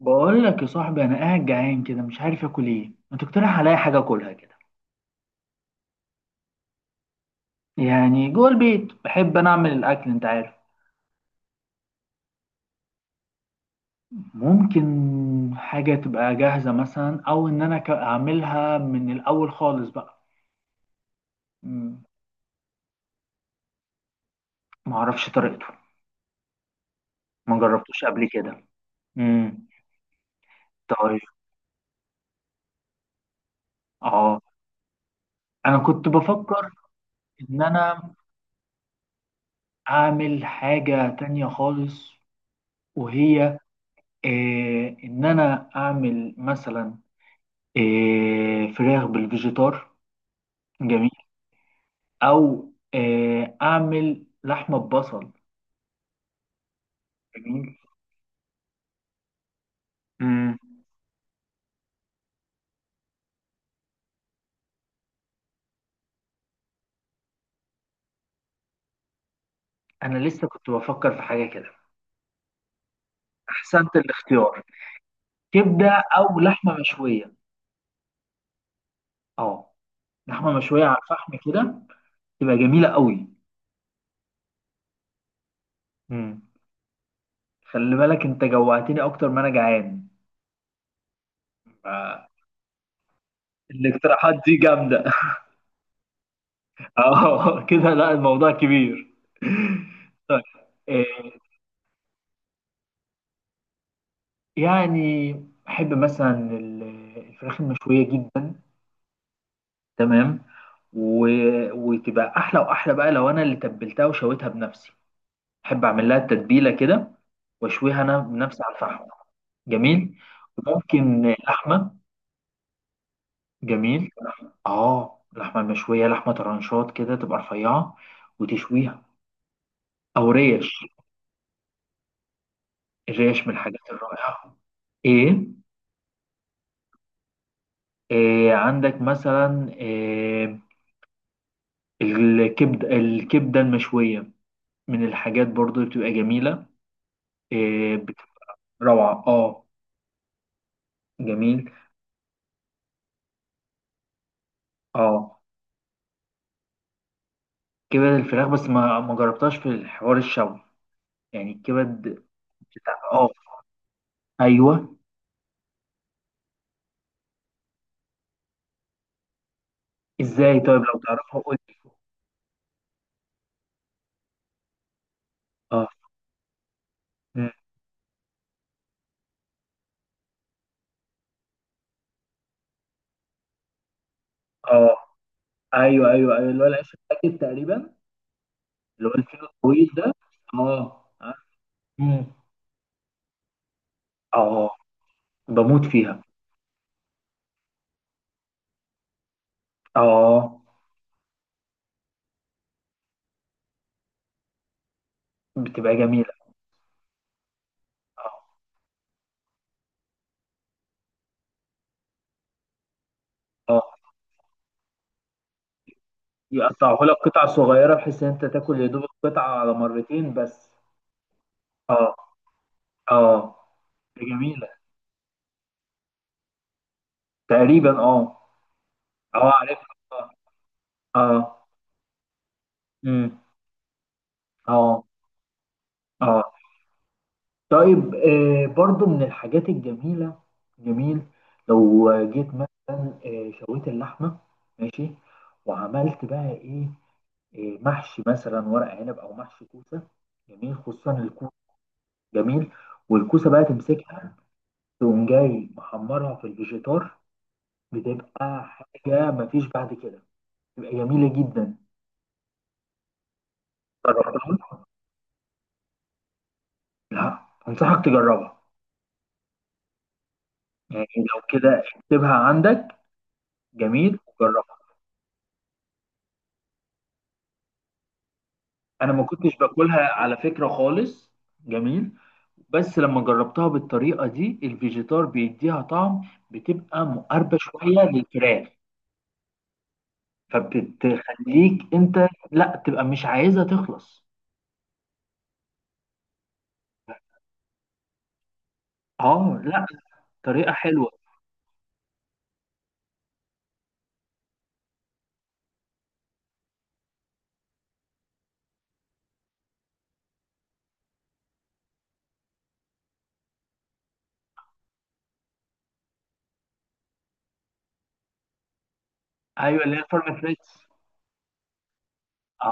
بقول لك يا صاحبي، انا قاعد جعان كده مش عارف اكل ايه. ما تقترح عليا حاجه اكلها كده؟ يعني جوه البيت بحب انا اعمل الاكل انت عارف. ممكن حاجه تبقى جاهزه مثلا، او ان انا اعملها من الاول خالص بقى. مم. ما اعرفش طريقته، ما جربتوش قبل كده. امم طيب. اه، انا كنت بفكر ان انا اعمل حاجه تانية خالص، وهي إيه؟ ان انا اعمل مثلا إيه، فراخ بالفيجيتار. جميل. او اعمل لحمه ببصل. جميل. مم. انا لسه كنت بفكر في حاجه كده. احسنت الاختيار، كبده او لحمه مشويه. اه، لحمه مشويه على الفحم كده تبقى جميله قوي. مم. خلي بالك انت جوعتني اكتر ما انا جعان. آه، الاقتراحات دي جامده اه، كده لا، الموضوع كبير. طيب. آه، يعني احب مثلا الفراخ المشويه جدا. تمام. و... وتبقى احلى واحلى بقى لو انا اللي تبلتها وشويتها بنفسي. احب اعمل لها التتبيله كده، واشويها انا بنفسي على الفحم. جميل. وممكن لحمه. جميل. اه، اللحمه المشويه، لحمه طرنشات كده تبقى رفيعه وتشويها. او ريش. الريش من الحاجات الرائعه. ايه، إيه عندك مثلا؟ إيه الكبد، الكبده المشويه، من الحاجات برضو اللي بتبقى جميله. إيه روعه. اه، جميل. اه، كبد الفراخ، بس ما جربتهاش في الحوار الشوي. يعني الكبد بتاع، اه، ايوه. ازاي؟ طيب لو تعرفها قول لي. اه. مم. اه، ايوه ايوه ايوه، اللي هو العيش الراكب تقريبا. اللي هو الفينو الطويل ده. اه عارف. مم. اه، بموت فيها. اه، بتبقى جميله. اه. اه، يقطعه لك قطع صغيره بحيث ان انت تاكل يا دوب القطعه على مرتين بس. اه. اه، جميله تقريبا. اه. اه عارفها. آه. اه. امم. اه. اه. طيب، برضو من الحاجات الجميلة. جميل. لو جيت مثلا شويت اللحمة، ماشي، وعملت بقى ايه؟ محشي مثلا ورق عنب او محشي كوسة. جميل خصوصا الكوسة. جميل. والكوسة بقى تمسكها، تقوم جاي محمرها في الفيجيتار، بتبقى حاجة مفيش بعد كده. بتبقى جميلة جدا. جربتها؟ لا، أنصحك تجربها. يعني لو كده اكتبها عندك، جميل وجربها. انا ما كنتش باكلها على فكرة خالص. جميل. بس لما جربتها بالطريقة دي، الفيجيتار بيديها طعم. بتبقى مقربة شوية للفراخ، فبتخليك انت لا تبقى مش عايزها تخلص. اه، لا، طريقة حلوة. ايوه اللي هي الفارم فريتس. اه.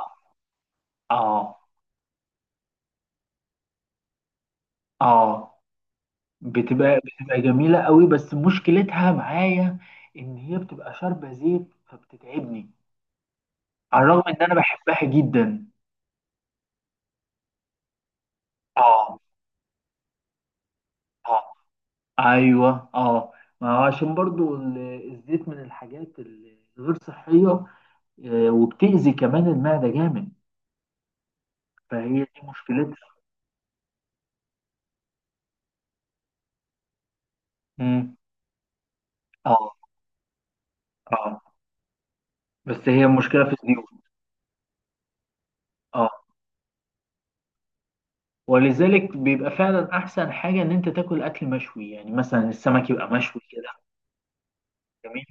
اه. اه، بتبقى بتبقى جميلة قوي، بس مشكلتها معايا ان هي بتبقى شاربة زيت فبتتعبني، على الرغم ان انا بحبها جدا. اه. اه. ايوه. اه. ما هو عشان برضو الزيت من الحاجات الغير صحيه، وبتأذي كمان المعده جامد، فهي دي مشكلتها. امم. اه. اه. بس هي مشكله في الزيوت. اه. ولذلك بيبقى فعلا احسن حاجه ان انت تاكل اكل مشوي، يعني مثلا السمك يبقى مشوي كده. جميل.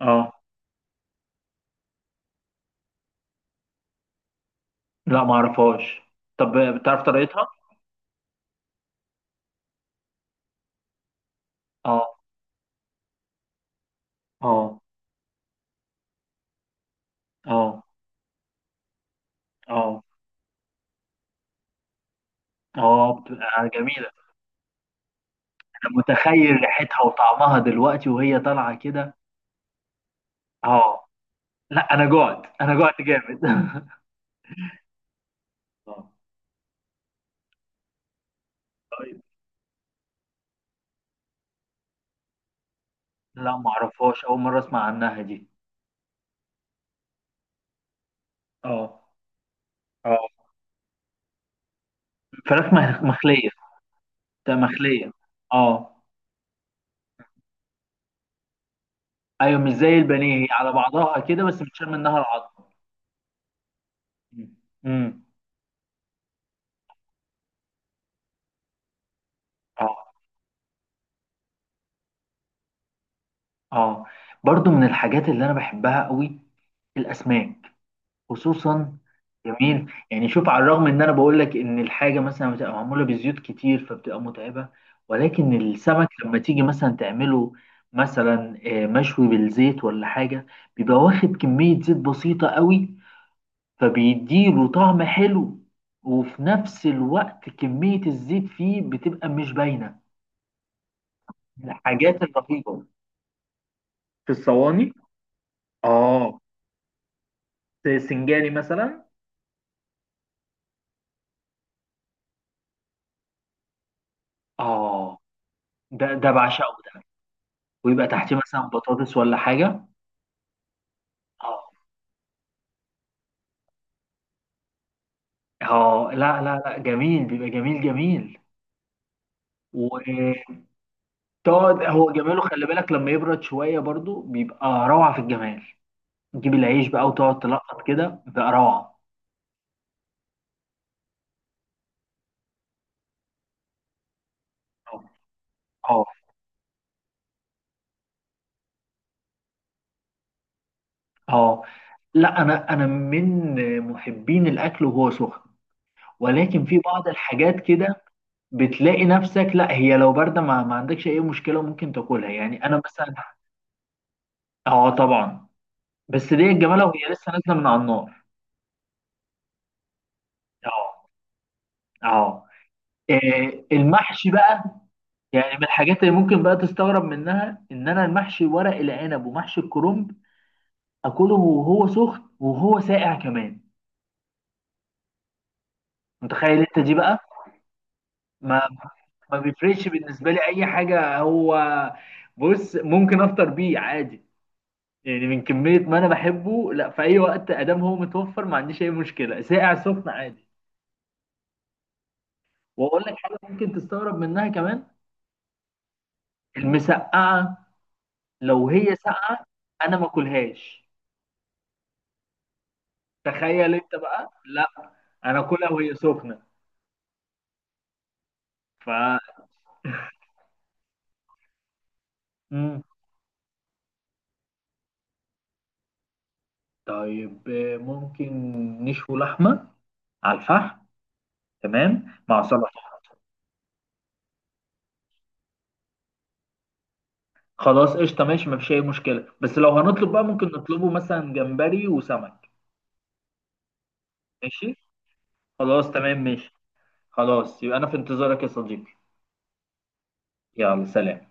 اه. لا ما اعرفهاش. طب بتعرف طريقتها؟ اه. اه. اه. اه. اه. بتبقى جميله. أنا متخيل ريحتها وطعمها دلوقتي وهي طالعه كده. اه. لا انا جوعت، انا جوعت جامد اه. طيب. لا ما اعرفهاش، اول مره اسمع عنها دي. اه. اه فراخ مخليه. ده مخليه. اه. ايوه مش زي البانيه، هي على بعضها كده بس بتشال منها العظم. مم. امم. اه. اه. برضو من الحاجات اللي انا بحبها قوي، الاسماك. خصوصا. جميل. يعني شوف، على الرغم ان انا بقول لك ان الحاجه مثلا بتبقى معموله بزيوت كتير فبتبقى متعبه، ولكن السمك لما تيجي مثلا تعمله مثلا مشوي بالزيت ولا حاجه، بيبقى واخد كميه زيت بسيطه قوي، فبيديله طعم حلو. وفي نفس الوقت كميه الزيت فيه بتبقى مش باينه. الحاجات الرهيبه في الصواني. اه، زي السنجاري مثلا. اه، ده ده بعشقه. ويبقى تحتيه مثلا بطاطس ولا حاجة. اه. اه لا لا لا، جميل بيبقى جميل جميل. وتقعد. هو جماله خلي بالك لما يبرد شوية برضو بيبقى روعة في الجمال، تجيب العيش بقى وتقعد تلقط كده بيبقى روعة. اه. اه، لا انا من محبين الاكل وهو سخن، ولكن في بعض الحاجات كده بتلاقي نفسك لا، هي لو بارده ما عندكش اي مشكله ممكن تاكلها، يعني انا مثلا. اه طبعا. بس دي الجماله وهي لسه نازله من على النار. اه. اه. إيه، المحشي بقى، يعني من الحاجات اللي ممكن بقى تستغرب منها ان انا المحشي ورق العنب ومحشي الكرنب اكله وهو سخن وهو ساقع كمان. متخيل انت دي بقى؟ ما ما بيفرقش بالنسبه لي اي حاجه هو. بص ممكن افطر بيه عادي، يعني من كميه ما انا بحبه. لا، في اي وقت ادام هو متوفر ما عنديش اي مشكله، ساقع سخن عادي. واقول لك حاجه ممكن تستغرب منها كمان: المسقعه لو هي ساقعه انا ما اكلهاش. تخيل انت بقى. لا انا كلها وهي سخنه. ف امم طيب، ممكن نشوي لحمه على الفحم تمام مع سلطه. خلاص قشطه ماشي، مفيش اي مشكله، بس لو هنطلب بقى ممكن نطلبه مثلا جمبري وسمك. ماشي. خلاص تمام ماشي. خلاص يبقى انا في انتظارك يا صديقي. يلا سلام.